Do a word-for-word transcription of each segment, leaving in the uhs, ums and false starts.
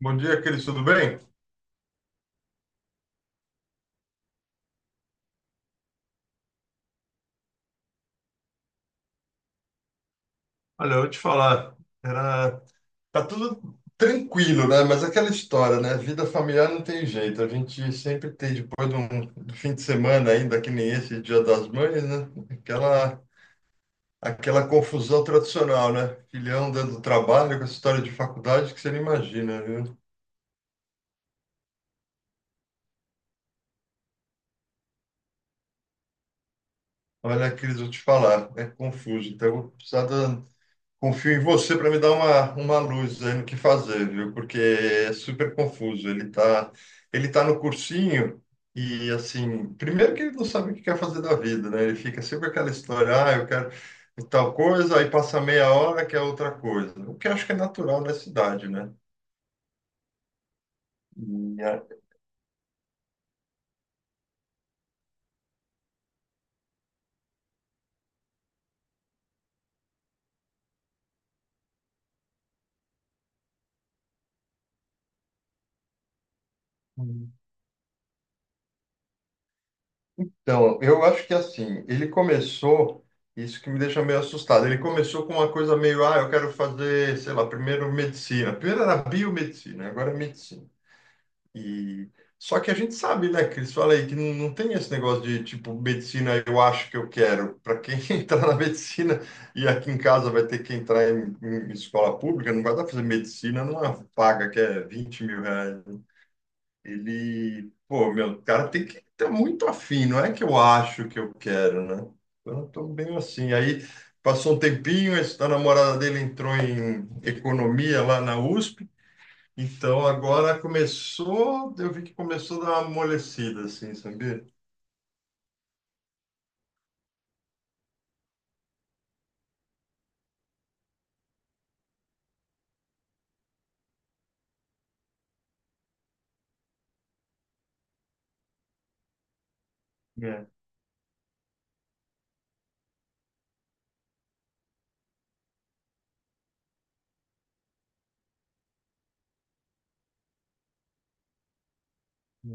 Bom dia, Cris, tudo bem? Olha, eu vou te falar, era, tá tudo tranquilo, né? Mas aquela história, né? Vida familiar não tem jeito. A gente sempre tem, depois de um do fim de semana ainda, que nem esse Dia das Mães, né? Aquela, aquela confusão tradicional, né? Filhão dando trabalho com essa história de faculdade que você não imagina, viu? Olha, Cris, eu vou te falar, é confuso. Então, eu vou precisar da, confio em você para me dar uma, uma luz aí no que fazer, viu? Porque é super confuso. Ele tá, ele tá no cursinho e, assim, primeiro que ele não sabe o que quer fazer da vida, né? Ele fica sempre aquela história, ah, eu quero tal coisa, aí passa meia hora que é outra coisa. O que eu acho que é natural nessa idade, né? E, é, então, eu acho que assim, ele começou, isso que me deixa meio assustado, ele começou com uma coisa meio, ah, eu quero fazer, sei lá, primeiro medicina. Primeiro era biomedicina, agora é medicina. E só que a gente sabe, né, que eles falam aí que não, não tem esse negócio de tipo medicina, eu acho que eu quero. Para quem entrar na medicina e aqui em casa vai ter que entrar em, em escola pública, não vai dar pra fazer medicina numa paga que é vinte mil reais, né? Ele, pô, meu, o cara tem que estar muito afim, não é que eu acho que eu quero, né? Então, eu tô bem assim. Aí passou um tempinho, esse- a namorada dele entrou em economia lá na USP. Então, agora começou, eu vi que começou a dar uma amolecida, assim, sabia? É,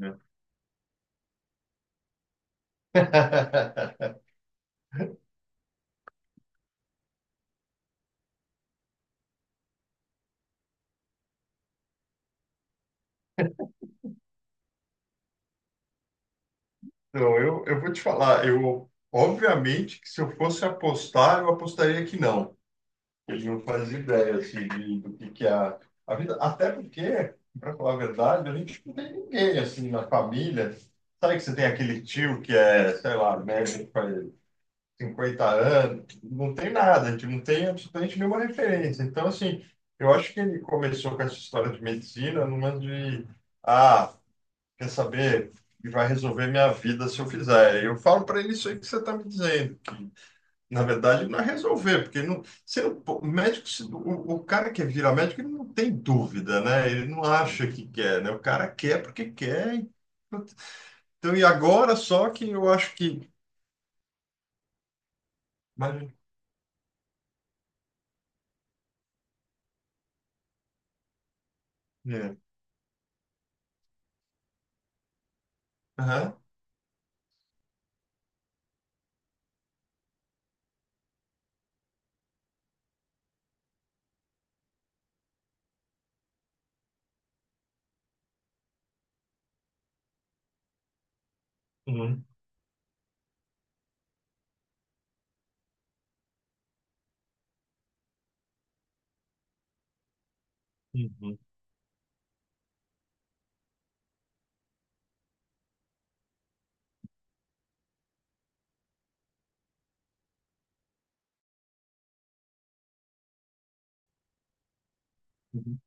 é. Então, eu, eu vou te falar, eu, obviamente, que se eu fosse apostar, eu apostaria que não. Ele não faz ideia, assim, de- do que que é a, a vida, até porque, para falar a verdade, a gente não tem ninguém, assim, na família. Sabe que você tem aquele tio que é, sei lá, médico, cinquenta anos, não tem nada, a gente não tem absolutamente nenhuma referência. Então, assim, eu acho que ele começou com essa história de medicina numa de, ah, quer saber, e vai resolver minha vida se eu fizer. Eu falo para ele isso aí que você está me dizendo. Na verdade, não é resolver, porque não, você não- pô, o médico, se- o, o cara que vira médico, ele não tem dúvida, né? Ele não acha que quer, né? O cara quer porque quer. e- Então, e agora só que eu acho que. Mas, é. Aham. Uhum. Uhum. Uhum.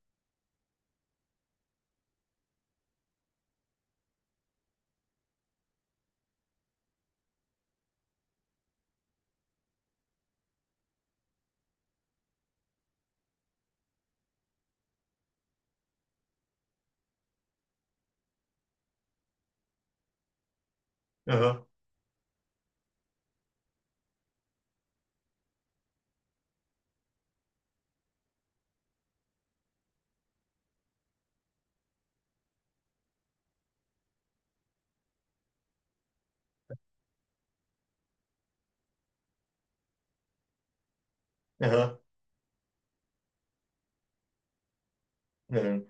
Aham, aham, é, aham,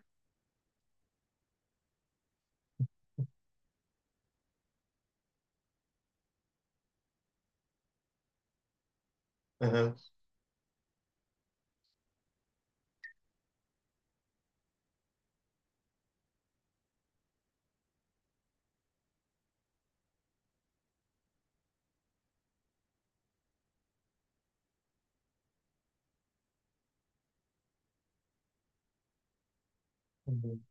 aham, uhum.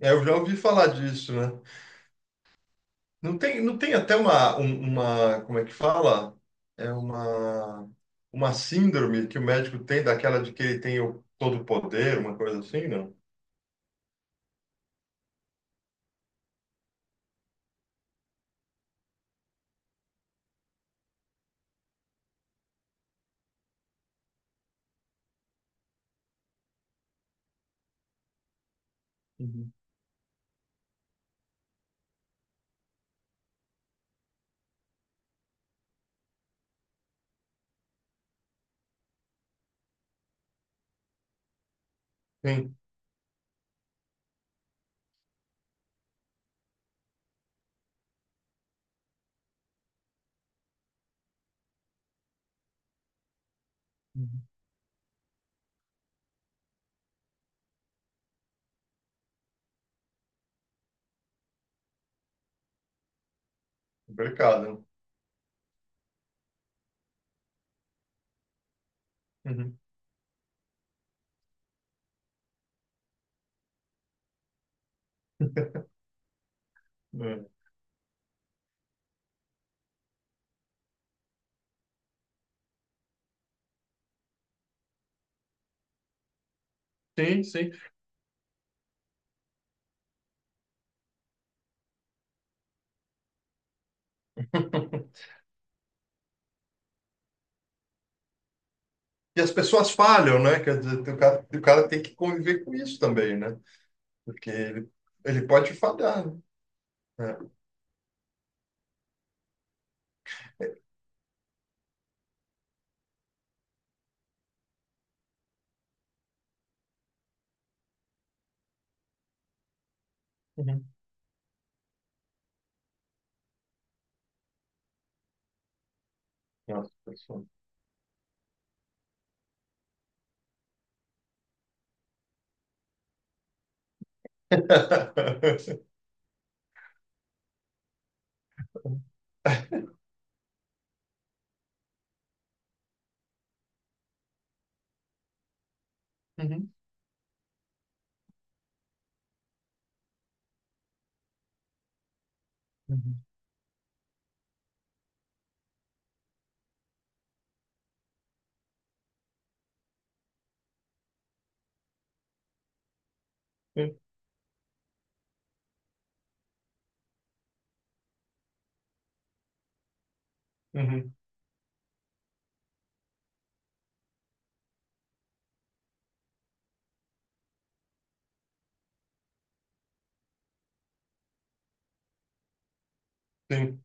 É, eu já ouvi falar disso, né? Não tem, não tem até uma, um- uma, como é que fala? É uma, uma síndrome que o médico tem, daquela de que ele tem o todo o poder, uma coisa assim, não? Uhum. Sim, uhum, complicado. Uhum. É. Sim, sim. E as pessoas falham, né? Quer dizer, o cara, o cara tem que conviver com isso também, né? Porque ele, ele pode falhar, né? É. Uhum. Nossa, pessoal. Uhum, uhum, sim, uhum, sim.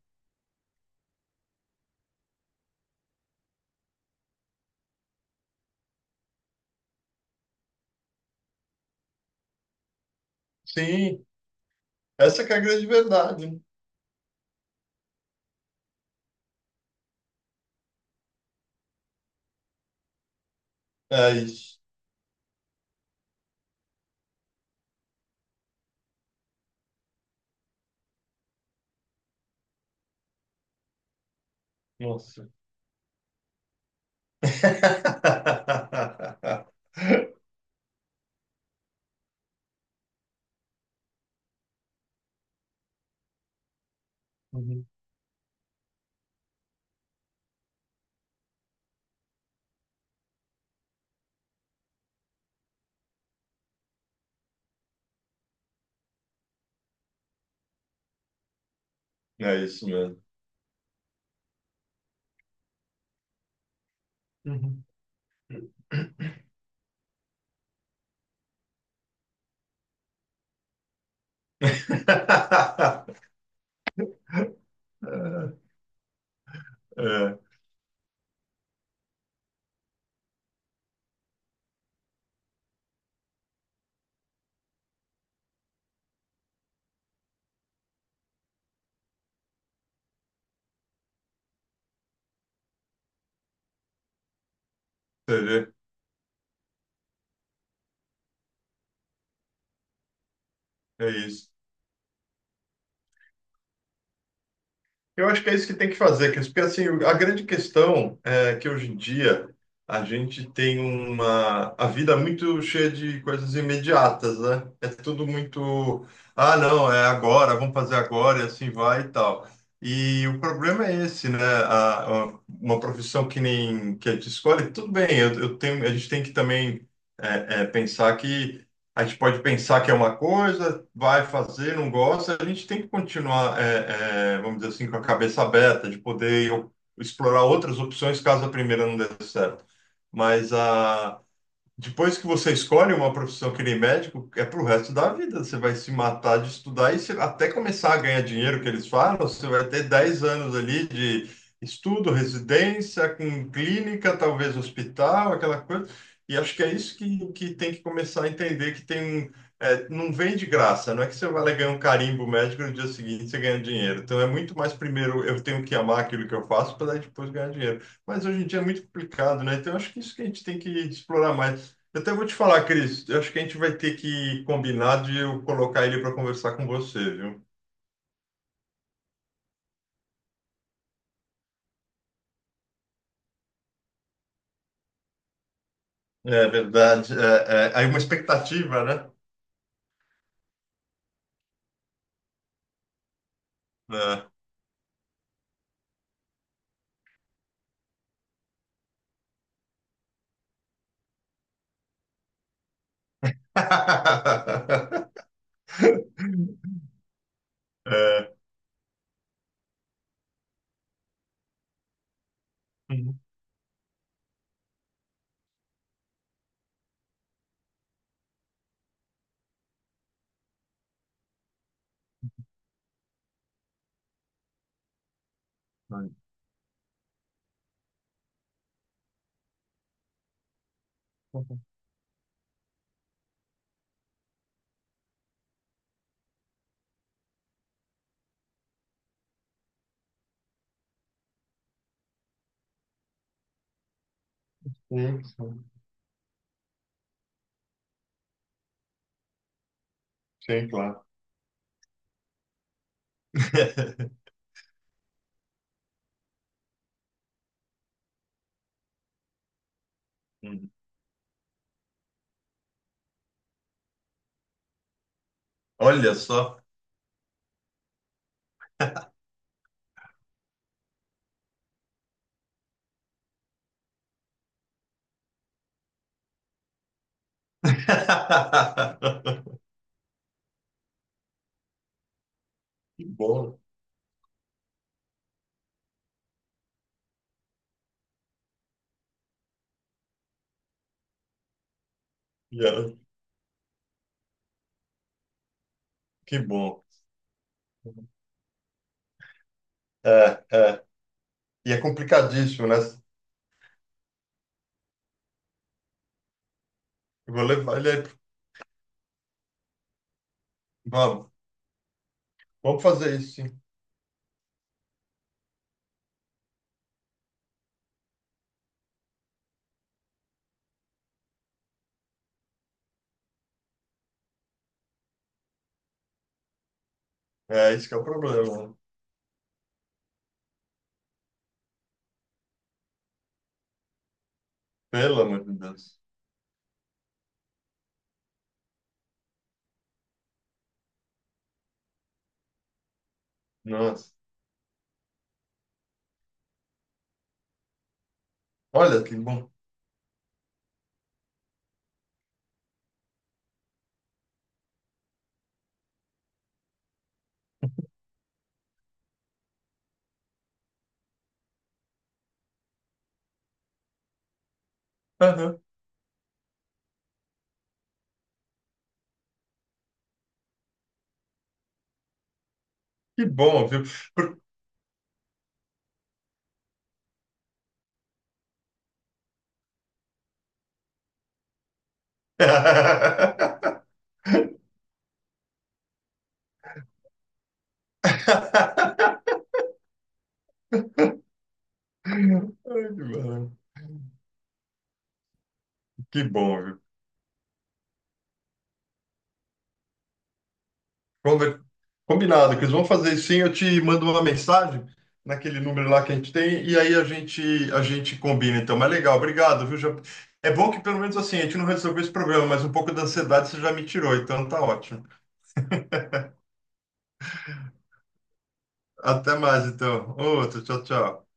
Sim, essa que é a grande verdade, né? É isso. Nossa. Uhum. É isso mesmo. Uhum. É, é, você vê, é isso. Eu acho que é isso que tem que fazer, que porque assim, a grande questão é que hoje em dia a gente tem uma a vida é muito cheia de coisas imediatas, né? É tudo muito, ah, não, é agora, vamos fazer agora e assim vai e tal. E o problema é esse, né? A, a- uma profissão que nem que a gente escolhe, tudo bem, eu, eu tenho, a gente tem que também é, é, pensar que a gente pode pensar que é uma coisa, vai fazer, não gosta, a gente tem que continuar, é, é, vamos dizer assim, com a cabeça aberta, de poder explorar outras opções caso a primeira não dê certo. Mas a Depois que você escolhe uma profissão que nem médico, é pro resto da vida. Você vai se matar de estudar e você- até começar a ganhar dinheiro, que eles falam, você vai ter dez anos ali de estudo, residência, com clínica, talvez hospital, aquela coisa. E acho que é isso que, que tem que começar a entender, que tem, um- é, não vem de graça. Não é que você vai lá ganhar um carimbo médico e no dia seguinte você ganha dinheiro. Então é muito mais primeiro eu tenho que amar aquilo que eu faço para depois ganhar dinheiro. Mas hoje em dia é muito complicado, né? Então, eu acho que isso que a gente tem que explorar mais. Eu até vou te falar, Cris, eu acho que a gente vai ter que combinar de eu colocar ele para conversar com você, viu? É verdade. É, é, aí uma expectativa, né? É. É. Uhum. Sim, sim. Sim, claro. Uhum. Olha só. Que bom. Yeah, que bom. É, é. E é complicadíssimo, né? Eu vou levar ele aí. pro- Vamos, vamos fazer isso, sim. É, isso que é o problema. Pelo amor de Deus. Nossa. Olha que bom. Aham. Que bom, viu? Por- Ai, que bom, que bom, viu? Conver- Combinado, que eles vão fazer isso sim. Eu te mando uma mensagem naquele número lá que a gente tem e aí a gente, a gente combina. Então, mas legal, obrigado, viu? Já... É bom que pelo menos assim, a gente não resolveu esse problema, mas um pouco da ansiedade você já me tirou, então tá ótimo. Até mais, então. Outro, tchau, tchau.